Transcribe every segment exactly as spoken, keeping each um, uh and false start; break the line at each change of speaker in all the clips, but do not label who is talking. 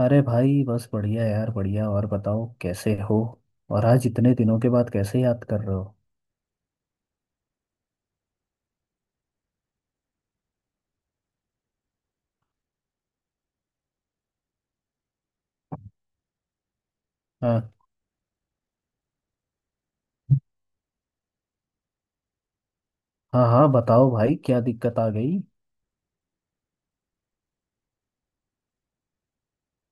अरे भाई, बस बढ़िया यार, बढ़िया। और बताओ, कैसे हो? और आज इतने दिनों के बाद कैसे याद कर रहे हो? हाँ, हाँ, हाँ, बताओ भाई, क्या दिक्कत आ गई?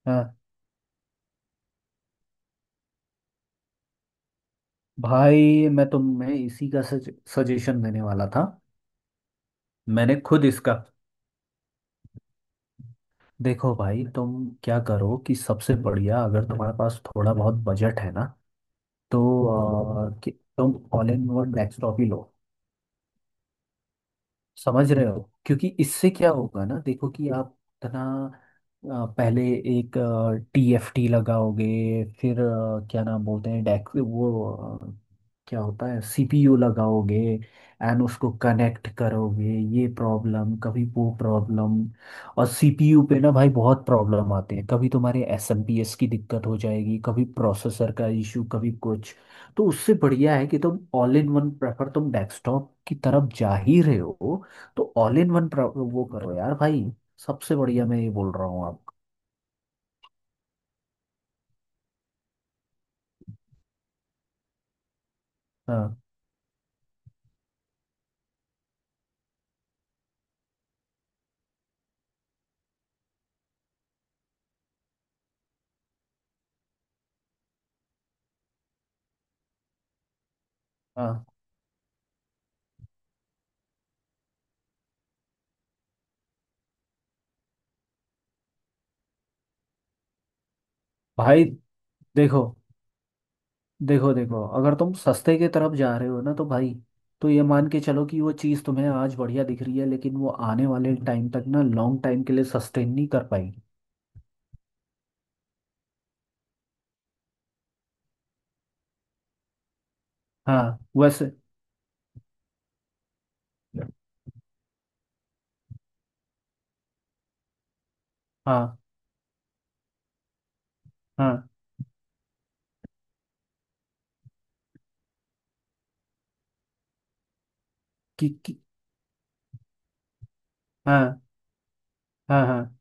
हाँ भाई, मैं तुम्हें इसी का सज, सजेशन देने वाला था। मैंने खुद इसका। देखो भाई, तुम क्या करो कि सबसे बढ़िया, अगर तुम्हारे पास थोड़ा बहुत बजट है ना, तो अ, कि तुम ऑल इन वन डेस्कटॉप ही लो। समझ रहे हो? क्योंकि इससे क्या होगा ना, देखो कि आप इतना अ, पहले एक टी एफ टी लगाओगे, फिर अ, क्या नाम बोलते हैं डेक वो अ, क्या होता है, सी पी यू लगाओगे, एंड उसको कनेक्ट करोगे, ये प्रॉब्लम कभी वो प्रॉब्लम। और सीपीयू पे ना भाई बहुत प्रॉब्लम आते हैं, कभी तुम्हारे एस एम पी एस की दिक्कत हो जाएगी, कभी प्रोसेसर का इशू, कभी कुछ। तो उससे बढ़िया है कि तुम ऑल इन वन प्रेफर, तुम डेस्कटॉप की तरफ जा ही रहे हो तो ऑल इन वन वो करो यार भाई। सबसे बढ़िया मैं ये बोल रहा हूँ आप। हाँ, हाँ भाई, देखो देखो देखो, अगर तुम सस्ते की तरफ जा रहे हो ना तो भाई, तो ये मान के चलो कि वो चीज़ तुम्हें आज बढ़िया दिख रही है, लेकिन वो आने वाले टाइम तक ना लॉन्ग टाइम के लिए सस्टेन नहीं कर पाएगी। हाँ वैसे। हाँ, हाँ। कि, कि। हाँ, हाँ, हाँ।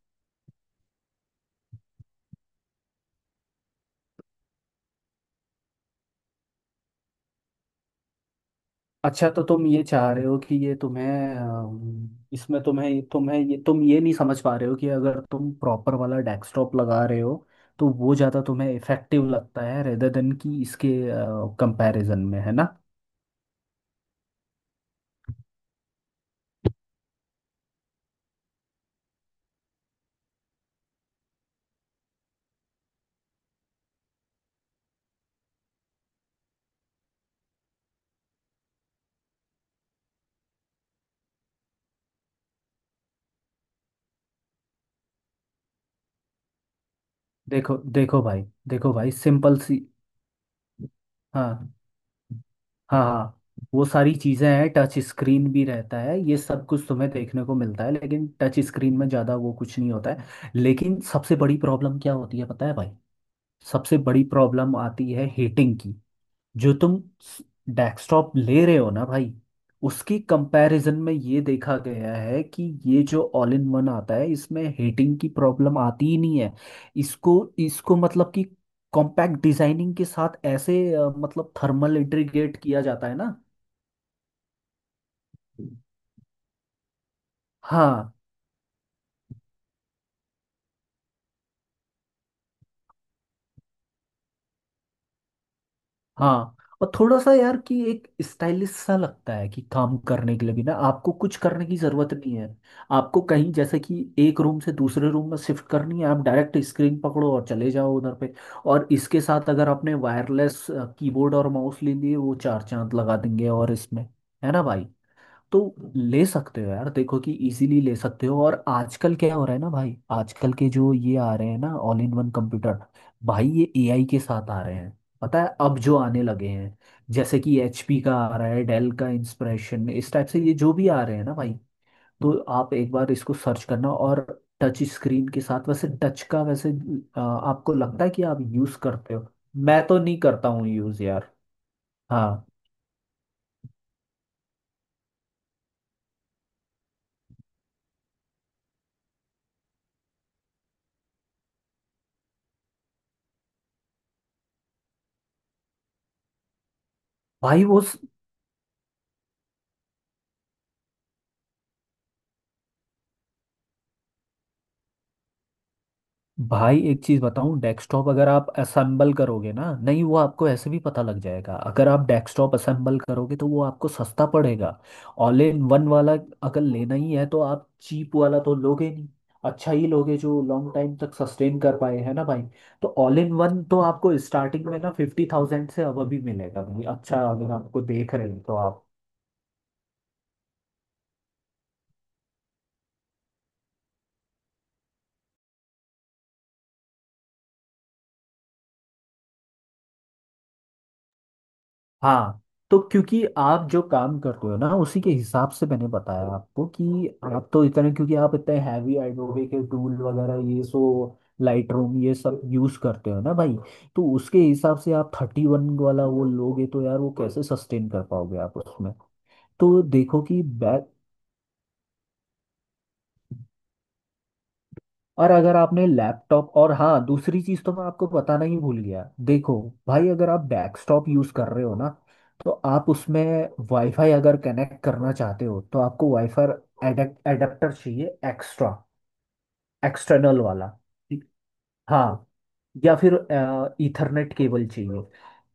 अच्छा, तो तुम ये चाह रहे हो कि ये तुम्हें अम, इसमें तुम्हें तुम्हें ये तुम ये नहीं समझ पा रहे हो कि अगर तुम प्रॉपर वाला डेस्कटॉप लगा रहे हो, तो वो ज़्यादा तुम्हें इफेक्टिव लगता है रेदर देन कि इसके कंपैरिजन में, है ना? देखो देखो भाई, देखो भाई, सिंपल सी। हाँ, हाँ, हाँ। वो सारी चीज़ें हैं, टच स्क्रीन भी रहता है, ये सब कुछ तुम्हें देखने को मिलता है, लेकिन टच स्क्रीन में ज़्यादा वो कुछ नहीं होता है। लेकिन सबसे बड़ी प्रॉब्लम क्या होती है पता है भाई? सबसे बड़ी प्रॉब्लम आती है हीटिंग की। जो तुम डेस्कटॉप ले रहे हो ना भाई, उसकी कंपैरिजन में ये देखा गया है कि ये जो ऑल इन वन आता है इसमें हीटिंग की प्रॉब्लम आती ही नहीं है। इसको इसको मतलब कि कॉम्पैक्ट डिजाइनिंग के साथ ऐसे अ, मतलब थर्मल इंटीग्रेट किया जाता है ना। हाँ, हाँ। और थोड़ा सा यार कि एक स्टाइलिश सा लगता है कि काम करने के लिए भी ना आपको कुछ करने की जरूरत नहीं है। आपको कहीं, जैसे कि एक रूम से दूसरे रूम में शिफ्ट करनी है, आप डायरेक्ट स्क्रीन पकड़ो और चले जाओ उधर पे। और इसके साथ अगर आपने वायरलेस कीबोर्ड और माउस ले लिए, वो चार चांद लगा देंगे। और इसमें, है ना भाई? तो ले सकते हो यार, देखो कि इजीली ले सकते हो। और आजकल क्या हो रहा है ना भाई, आजकल के जो ये आ रहे हैं ना ऑल इन वन कंप्यूटर, भाई ये ए आई के साथ आ रहे हैं। पता है अब जो आने लगे हैं, जैसे कि एच पी का आ रहा है, डेल का इंस्पिरेशन, इस टाइप से ये जो भी आ रहे हैं ना भाई। तो आप एक बार इसको सर्च करना। और टच स्क्रीन के साथ, वैसे टच का, वैसे अ, आपको लगता है कि आप यूज करते हो? मैं तो नहीं करता हूँ यूज यार। हाँ भाई। वो भाई, एक चीज बताऊं, डेस्कटॉप अगर आप असेंबल करोगे ना, नहीं वो आपको ऐसे भी पता लग जाएगा, अगर आप डेस्कटॉप असेंबल करोगे तो वो आपको सस्ता पड़ेगा। ऑल इन वन वाला अगर लेना ही है तो आप चीप वाला तो लोगे नहीं, अच्छा ही लोगे, जो लॉन्ग टाइम तक सस्टेन कर पाए, है ना भाई? तो ऑल इन वन तो आपको स्टार्टिंग में ना फिफ्टी थाउजेंड से अब अभी मिलेगा भाई, अच्छा अगर आपको, देख रहे हो तो आप। हाँ। तो क्योंकि आप जो काम करते हो ना उसी के हिसाब से मैंने बताया आपको कि आप तो इतने, क्योंकि आप इतने हैवी एडोबे के टूल वगैरह, ये सो लाइट रूम, ये सब यूज करते हो ना भाई। तो उसके हिसाब से आप थर्टी वन वाला वो लोगे तो यार वो कैसे सस्टेन कर पाओगे आप उसमें? तो देखो कि बैक। और अगर आपने लैपटॉप, और हाँ दूसरी चीज़ तो मैं आपको बताना ही भूल गया, देखो भाई, अगर आप डेस्कटॉप यूज़ कर रहे हो ना, तो आप उसमें वाईफाई अगर कनेक्ट करना चाहते हो तो आपको वाईफाई एडेप्टर चाहिए, एक्स्ट्रा, एक्सटर्नल वाला। हाँ। या फिर ईथरनेट केबल चाहिए।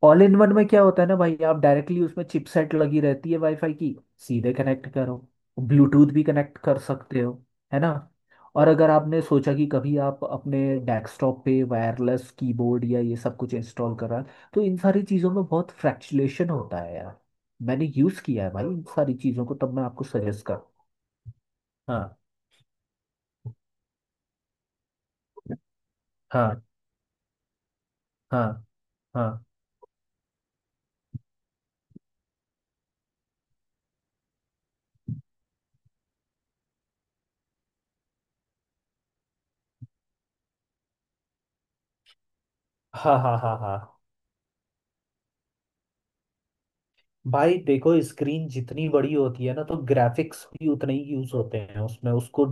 ऑल इन वन में क्या होता है ना भाई, आप डायरेक्टली उसमें चिपसेट लगी रहती है वाईफाई की, सीधे कनेक्ट करो, ब्लूटूथ भी कनेक्ट कर सकते हो, है ना? और अगर आपने सोचा कि कभी आप अपने डेस्कटॉप पे वायरलेस कीबोर्ड या ये सब कुछ इंस्टॉल करा है, तो इन सारी चीज़ों में बहुत फ्रैक्चुलेशन होता है यार। मैंने यूज़ किया है भाई इन सारी चीज़ों को, तब मैं आपको सजेस्ट कर। हाँ, हाँ, हाँ, हाँ। हाँ, हाँ, हाँ, हाँ। भाई देखो, स्क्रीन जितनी बड़ी होती है ना तो ग्राफिक्स भी उतने ही यूज होते हैं उसमें, उसको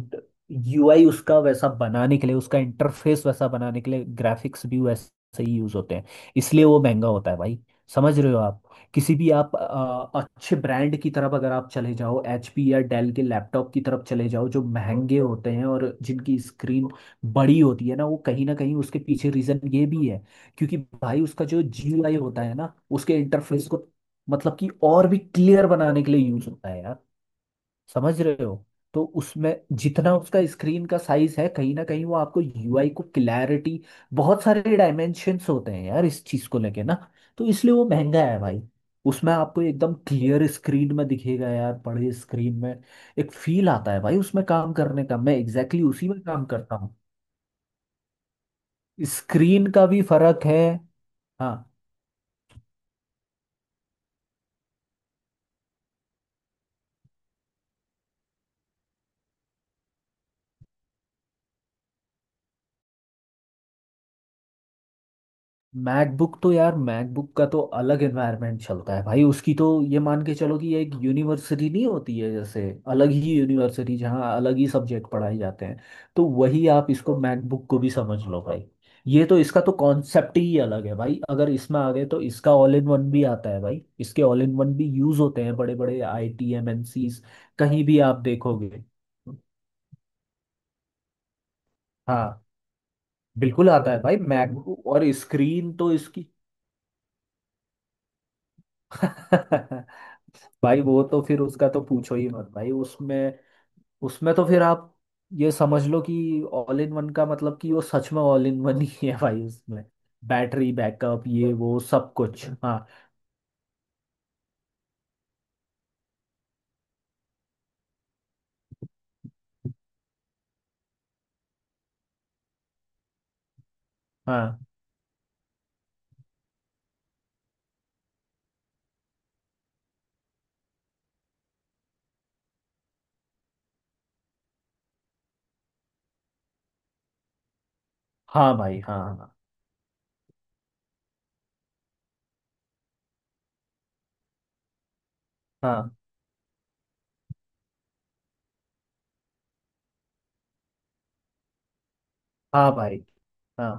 यू आई उसका वैसा बनाने के लिए, उसका इंटरफेस वैसा बनाने के लिए, ग्राफिक्स भी वैसे ही यूज होते हैं, इसलिए वो महंगा होता है भाई। समझ रहे हो आप? किसी भी आप अ, अच्छे ब्रांड की तरफ अगर आप चले जाओ, एच पी या डेल के लैपटॉप की तरफ चले जाओ, जो महंगे होते हैं और जिनकी स्क्रीन बड़ी होती है ना, वो कहीं ना कहीं उसके पीछे रीजन ये भी है। क्योंकि भाई उसका जो जी यू आई होता है ना, उसके इंटरफेस को मतलब कि और भी क्लियर बनाने के लिए यूज होता है यार। समझ रहे हो? तो उसमें जितना उसका स्क्रीन का साइज है, कहीं ना कहीं वो आपको यू आई को क्लैरिटी, बहुत सारे डायमेंशंस होते हैं यार इस चीज को लेके ना। तो इसलिए वो महंगा है भाई। उसमें आपको एकदम क्लियर स्क्रीन में दिखेगा यार, बड़े स्क्रीन में एक फील आता है भाई उसमें काम करने का, मैं एग्जैक्टली exactly उसी में काम करता हूँ। स्क्रीन का भी फर्क है। हाँ, मैकबुक तो यार, मैकबुक का तो अलग एनवायरनमेंट चलता है भाई, उसकी तो ये मान के चलो कि ये एक यूनिवर्सिटी नहीं होती है, जैसे अलग ही यूनिवर्सिटी, जहाँ अलग ही सब्जेक्ट पढ़ाए जाते हैं, तो वही आप इसको मैकबुक को भी समझ लो भाई। ये तो, इसका तो कॉन्सेप्ट ही अलग है भाई। अगर इसमें आ गए तो इसका ऑल इन वन भी आता है भाई, इसके ऑल इन वन भी यूज होते हैं बड़े बड़े I T M N C ज़, कहीं भी आप देखोगे। हाँ, बिल्कुल आता है भाई मैकबुक। और स्क्रीन तो इसकी भाई, वो तो फिर उसका तो पूछो ही मत भाई। उसमें उसमें तो फिर आप ये समझ लो कि ऑल इन वन का मतलब कि वो सच में ऑल इन वन ही है भाई। उसमें बैटरी बैकअप, ये वो सब कुछ। हाँ। हाँ, हाँ भाई। हाँ, हाँ, हाँ, हाँ भाई। हाँ,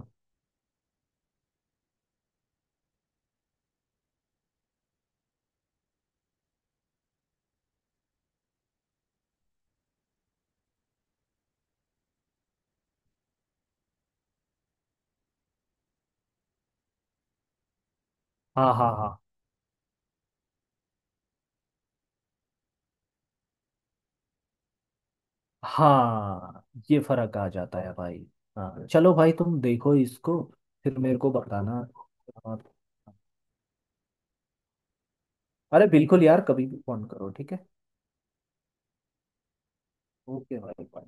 हाँ, हाँ, हाँ, हाँ। ये फर्क आ जाता है भाई। हाँ चलो भाई, तुम देखो इसको, फिर मेरे को बताना। और अरे बिल्कुल यार, कभी भी फोन करो, ठीक है? ओके भाई।